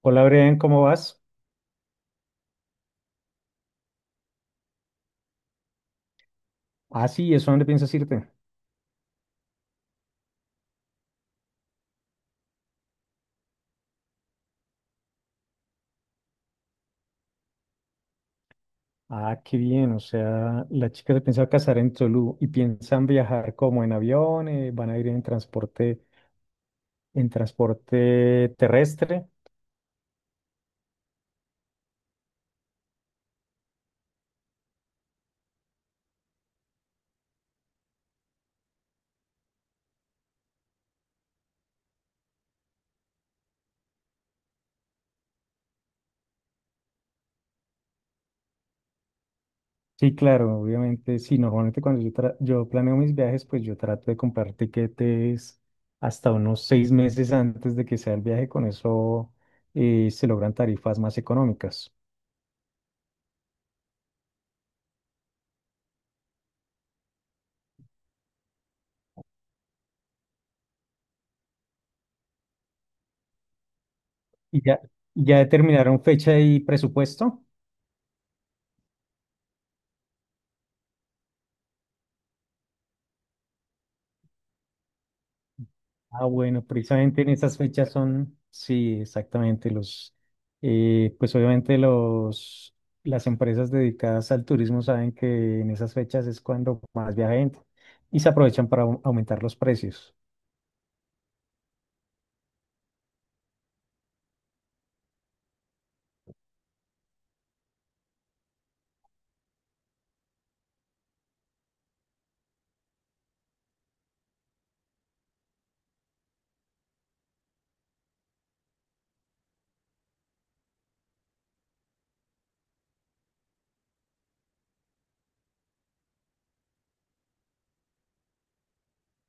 Hola, Brian, ¿cómo vas? Ah, sí, ¿eso dónde piensas irte? Ah, qué bien, o sea, la chica se piensa casar en Tolú y piensan viajar como en avión, van a ir en transporte terrestre. Sí, claro, obviamente, sí, normalmente cuando yo planeo mis viajes, pues yo trato de comprar tiquetes hasta unos 6 meses antes de que sea el viaje, con eso se logran tarifas más económicas. ¿Y ya determinaron fecha y presupuesto? Ah, bueno, precisamente en esas fechas son, sí, exactamente, los, pues obviamente los, las empresas dedicadas al turismo saben que en esas fechas es cuando más viaja gente y se aprovechan para aumentar los precios.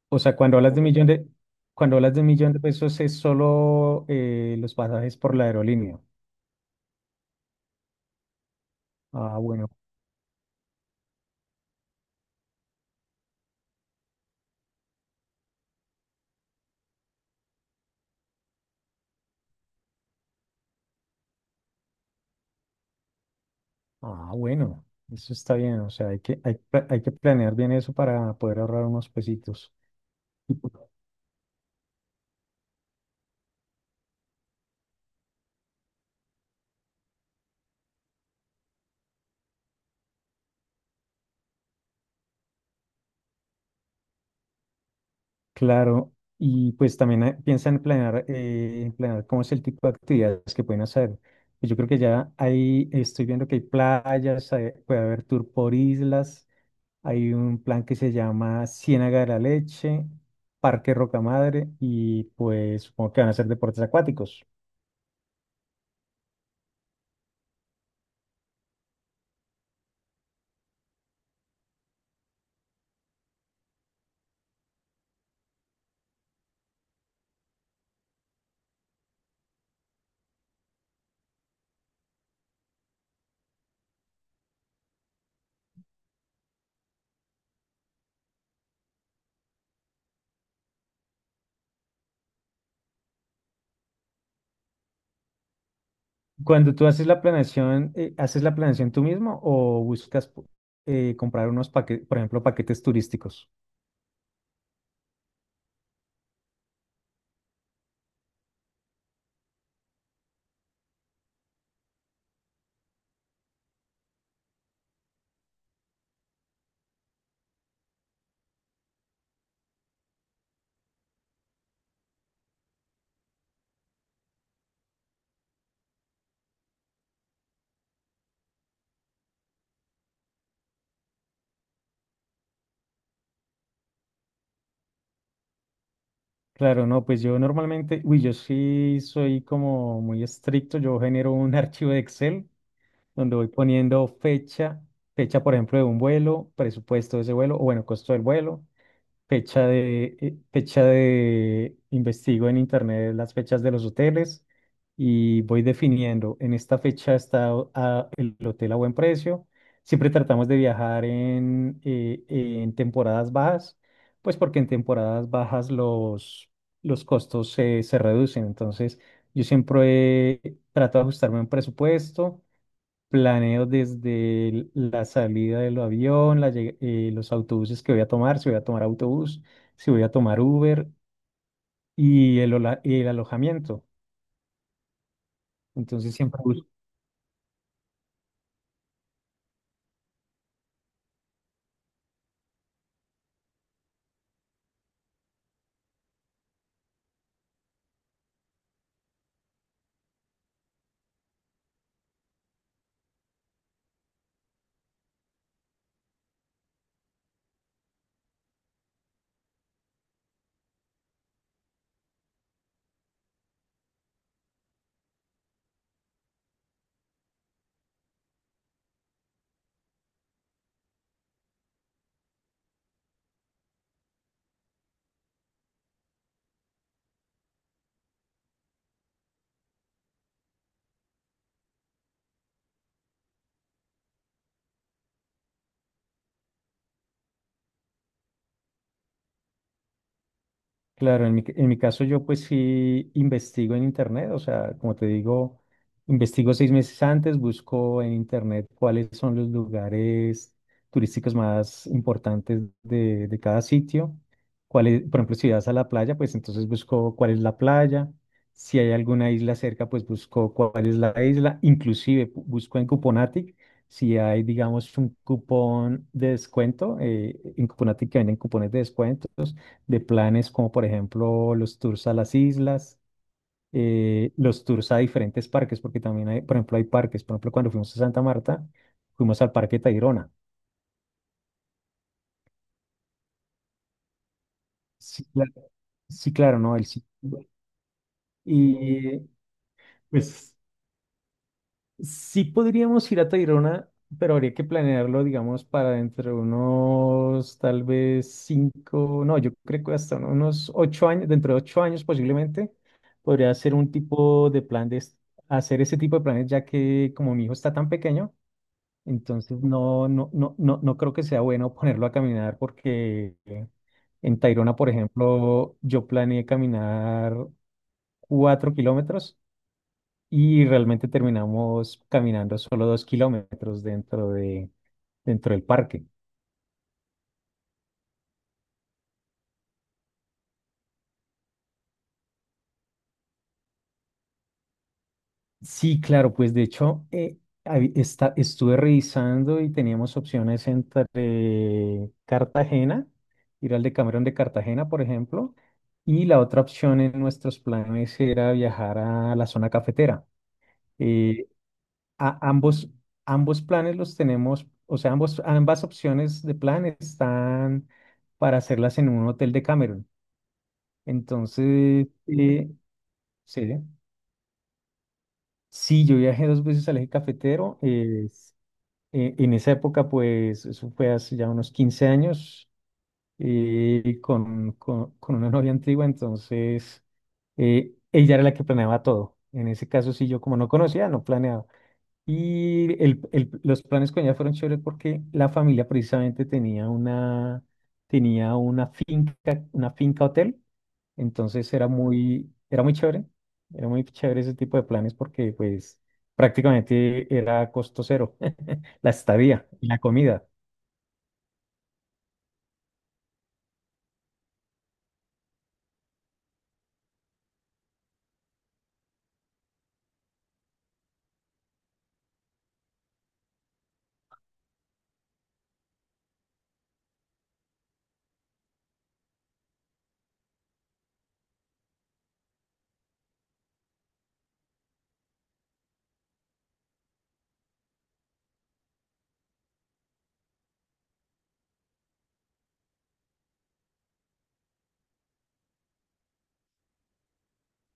O sea, cuando hablas de millón de pesos es solo los pasajes por la aerolínea. Ah, bueno, ah, bueno, eso está bien, o sea, hay que planear bien eso para poder ahorrar unos pesitos. Claro, y pues también piensan en planear cómo es el tipo de actividades que pueden hacer. Pues yo creo que ya ahí estoy viendo que hay playas, puede haber tour por islas, hay un plan que se llama Ciénaga de la Leche, Parque Rocamadre y pues supongo que van a hacer deportes acuáticos. Cuando tú ¿haces la planeación tú mismo o buscas comprar unos paquetes, por ejemplo, paquetes turísticos? Claro, no, pues yo normalmente, uy, yo sí soy como muy estricto, yo genero un archivo de Excel donde voy poniendo fecha por ejemplo de un vuelo, presupuesto de ese vuelo o bueno, costo del vuelo. Investigo en internet las fechas de los hoteles y voy definiendo. En esta fecha está el hotel a buen precio. Siempre tratamos de viajar en temporadas bajas, pues porque en temporadas bajas los costos se reducen. Entonces, yo siempre trato de ajustarme a un presupuesto. Planeo desde la salida del avión, los autobuses que voy a tomar, si voy a tomar autobús, si voy a tomar Uber y el alojamiento. Entonces siempre. Claro, en mi caso yo pues sí investigo en internet, o sea, como te digo, investigo 6 meses antes, busco en internet cuáles son los lugares turísticos más importantes de cada sitio, por ejemplo, si vas a la playa, pues entonces busco cuál es la playa, si hay alguna isla cerca, pues busco cuál es la isla, inclusive busco en Cuponatic, si hay, digamos, un cupón de descuento, en Cuponatic que venden cupones de descuento de planes como por ejemplo los tours a las islas, los tours a diferentes parques, porque también hay, por ejemplo, hay parques, por ejemplo, cuando fuimos a Santa Marta, fuimos al Parque Tayrona. Sí, claro, sí, claro, ¿no? Y pues sí podríamos ir a Tayrona, pero habría que planearlo, digamos, para dentro de unos tal vez cinco, no, yo creo que hasta unos 8 años, dentro de 8 años posiblemente, podría hacer un tipo de plan de hacer ese tipo de planes, ya que como mi hijo está tan pequeño, entonces no, no, no, no, no creo que sea bueno ponerlo a caminar porque en Tayrona, por ejemplo, yo planeé caminar 4 kilómetros y realmente terminamos caminando solo 2 kilómetros dentro del parque. Sí, claro, pues de hecho estuve revisando y teníamos opciones entre Cartagena, ir al Decameron de Cartagena, por ejemplo, y la otra opción en nuestros planes era viajar a la zona cafetera. Eh, a- ambos, ambos planes los tenemos, o sea, ambas opciones de plan están para hacerlas en un hotel de Cameron. Entonces, sí, sí, yo viajé dos veces al eje cafetero. En esa época, pues, eso fue hace ya unos 15 años, con una novia antigua, entonces ella era la que planeaba todo. En ese caso, sí, yo como no conocía, no planeaba. Y los planes con ella fueron chéveres porque la familia precisamente tenía una finca, una finca hotel. Entonces era muy chévere ese tipo de planes porque pues prácticamente era costo cero, la estadía y la comida.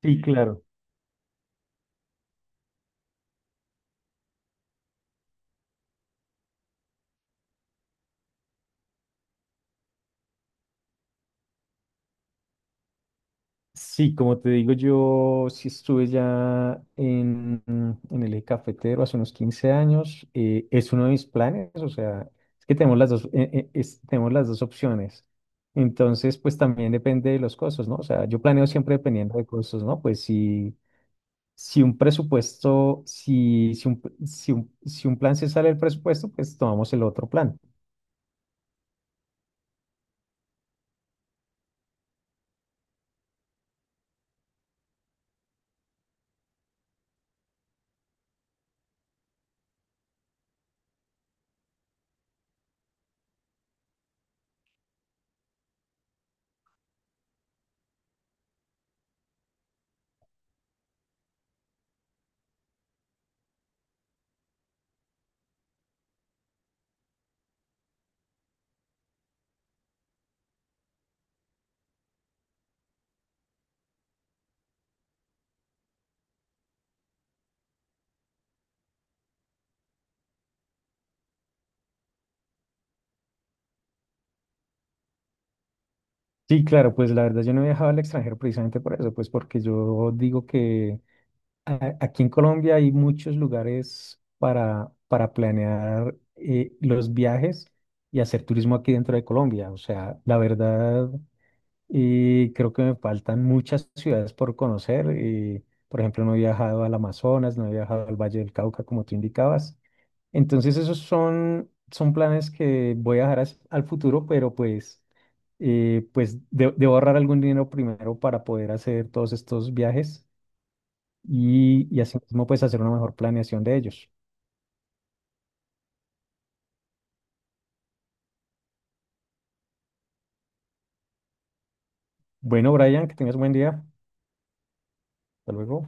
Sí, claro. Sí, como te digo, yo sí estuve ya en el eje cafetero hace unos 15 años. Es uno de mis planes, o sea, es que tenemos las dos, es- tenemos las dos opciones. Entonces, pues también depende de los costos, ¿no? O sea, yo planeo siempre dependiendo de costos, ¿no? Pues sí. Si un presupuesto, si, si un, si un- si un plan se sale del presupuesto, pues tomamos el otro plan. Sí, claro, pues la verdad yo no he viajado al extranjero precisamente por eso, pues porque yo digo que aquí en Colombia hay muchos lugares para planear los viajes y hacer turismo aquí dentro de Colombia. O sea, la verdad, creo que me faltan muchas ciudades por conocer. Por ejemplo, no he viajado al Amazonas, no he viajado al Valle del Cauca, como tú indicabas. Entonces, esos son planes que voy a dejar al futuro, pero pues, pues debo ahorrar algún dinero primero para poder hacer todos estos viajes y así mismo pues hacer una mejor planeación de ellos. Bueno, Brian, que tengas un buen día. Hasta luego.